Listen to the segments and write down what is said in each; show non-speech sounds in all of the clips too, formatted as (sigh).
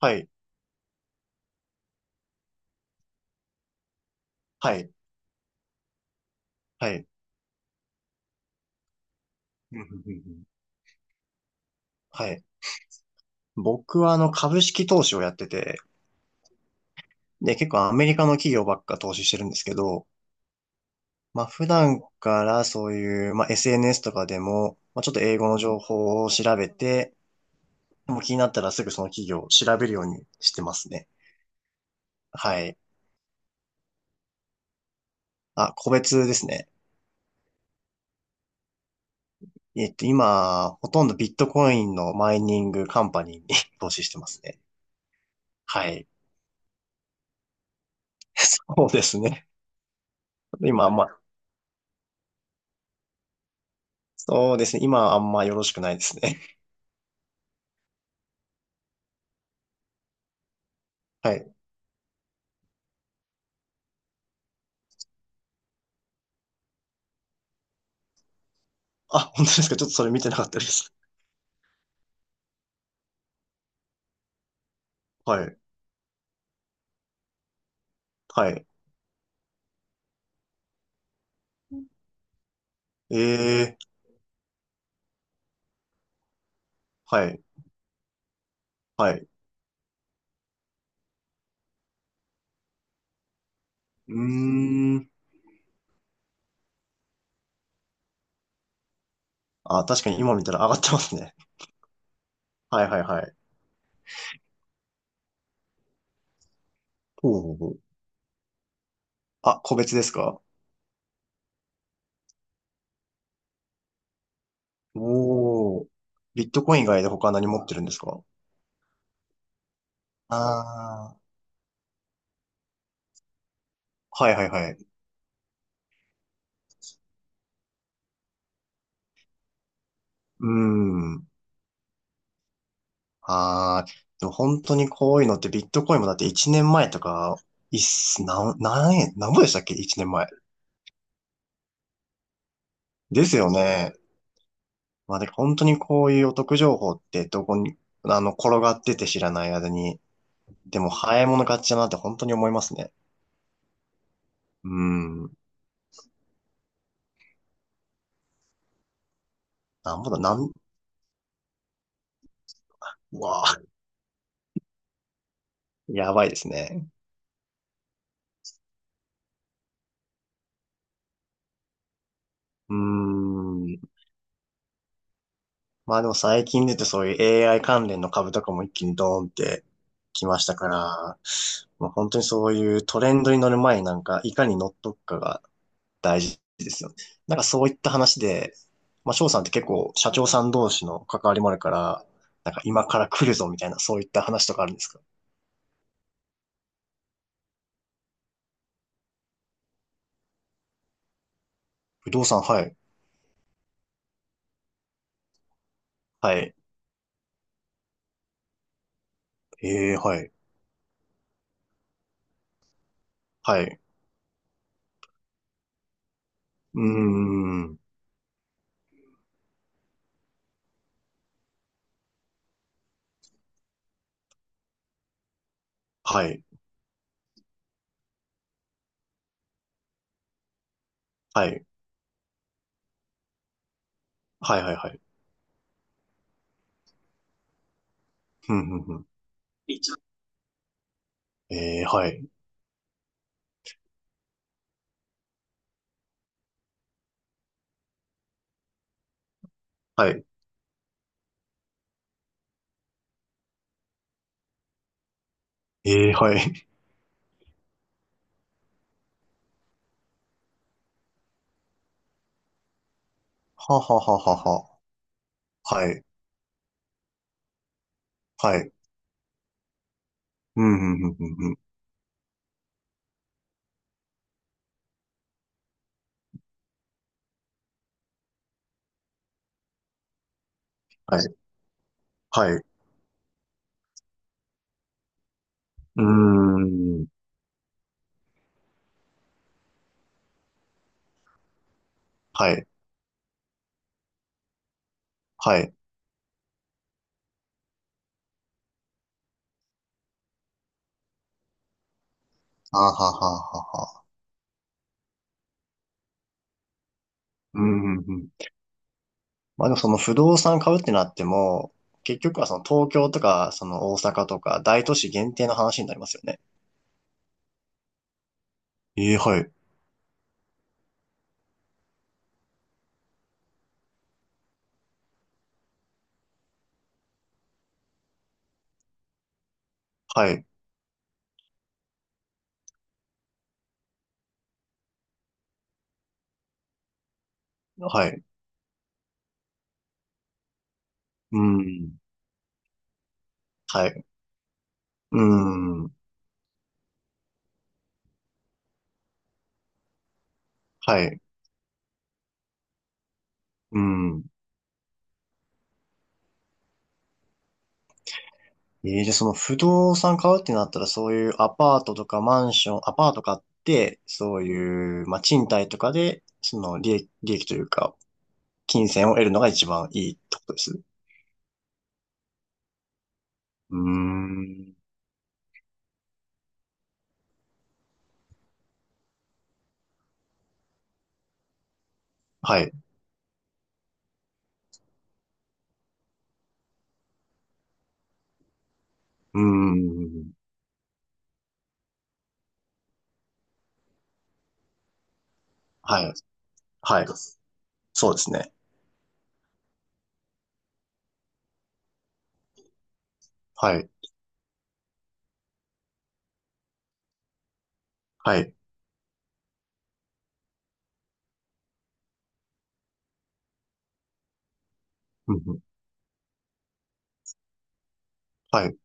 はい、はい、はい、うん、うん、うん、うん、はい。僕は株式投資をやってて、で、結構アメリカの企業ばっか投資してるんですけど、まあ普段からそういう、まあ SNS とかでも、まあちょっと英語の情報を調べて、もう気になったらすぐその企業を調べるようにしてますね。はい。あ、個別ですね。今、ほとんどビットコインのマイニングカンパニーに (laughs) 投資してますね。はい。(laughs) そうですね。今あんま、そうですね。今あんまよろしくないですね。はい。あ、本当ですか？ちょっとそれ見てなかったです。はい。はい。ええ、はい。はい。うーん。あ、確かに今見たら上がってますね。はい、はい、はい。ほう、ほう、ほう。あ、個別ですか？おー。ビットコイン以外で他何持ってるんですか？ああー。はい、はい、はい。うーん。ああ。でも本当にこういうのってビットコインもだって1年前とか、いっす、なん、何円、何ぼでしたっけ ?1 年前。ですよね。まあで、本当にこういうお得情報ってどこに、転がってて知らない間に、でも早い者勝ちだなって本当に思いますね。うーん。なんぼだ、うわあ、やばいですね。うーん。まあでも最近出てそういう AI 関連の株とかも一気にドーンってきましたから、まあ、本当にそういうトレンドに乗る前になんか、いかに乗っとくかが大事ですよね。なんかそういった話で、まあ、翔さんって結構社長さん同士の関わりもあるから、なんか今から来るぞみたいな、そういった話とかあるんですか？不動産、はい、はい、ええ、はい、はい、うーん、はい、はい、はい、はい、はい、うん、うん、うん。ええ、はい、はい、ええ、はい、ははははは、はい、はい、うん、うん、うん、うん、うん、はい、はい、うーん、はい、はい、あはははは、うん、うん、うん、まあでもその不動産買うってなっても、結局はその東京とか、その大阪とか、大都市限定の話になりますよね。ええ、はい。はい。はい。うん。はい。うん。はい。うん。ええ、じゃあその不動産買うってなったら、そういうアパートとかマンション、アパート買って、そういう、まあ賃貸とかで、その利益、利益というか、金銭を得るのが一番いいってことです。うーん。はい。うーん。はい。はい。そうですね。はい。はい。うん、うん。はい。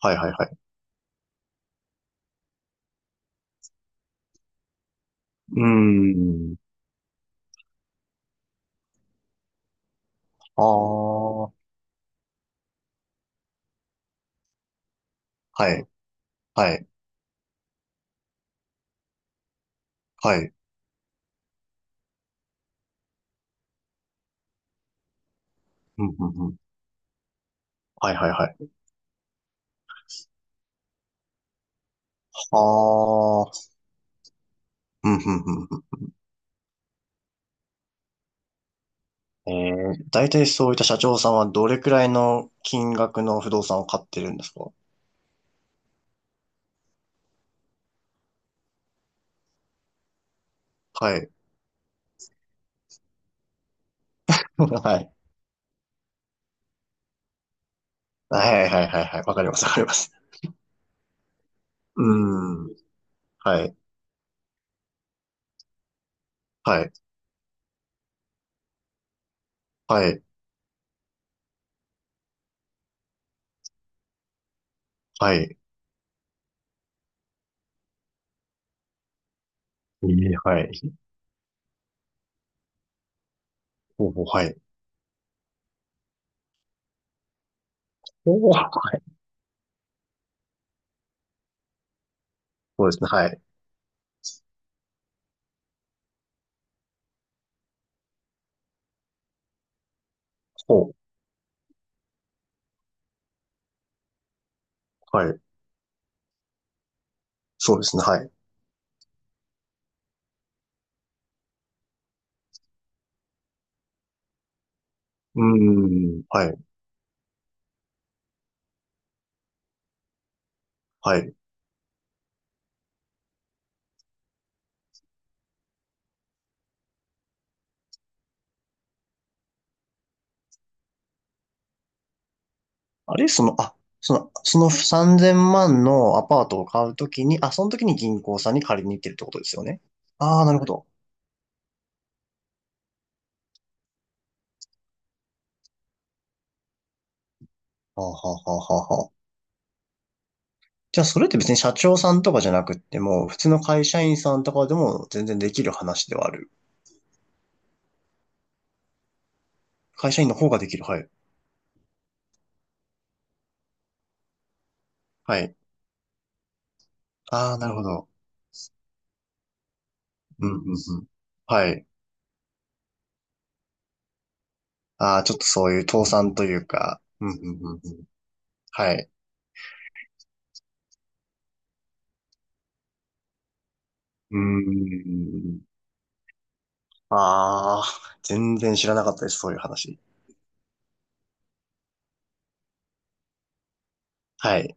はい、はい、はい。うーん。ああ。はい。はい。はい。うん、うん、うん。はい、はい、はい。ああ。うん、うん、うん、うん。大体そういった社長さんはどれくらいの金額の不動産を買ってるんですか？はい。はい。(laughs) はい、はい、はい、はい、はい、はい、はい、はい、わかります、わかります。うーん。はい。はい。はい。はい。ええ、はい。ほう、ほう、はい。ほう。そうですね、はい。ほう。はい。そうですね、はい。うーん。はい。はい。あれ、あ、その3000万のアパートを買うときに、あ、その時に銀行さんに借りに行ってるってことですよね。ああ、なるほど。はあ、はあ、はあ、はあ、はあ。じゃあ、それって別に社長さんとかじゃなくっても、普通の会社員さんとかでも全然できる話ではある。会社員の方ができる。はい。はい。ああ、なるほど。うん、うん、うん。はい。ああ、ちょっとそういう倒産というか。うん、うん、うん、うん。はい。うーん。ああ、全然知らなかったです、そういう話。はい。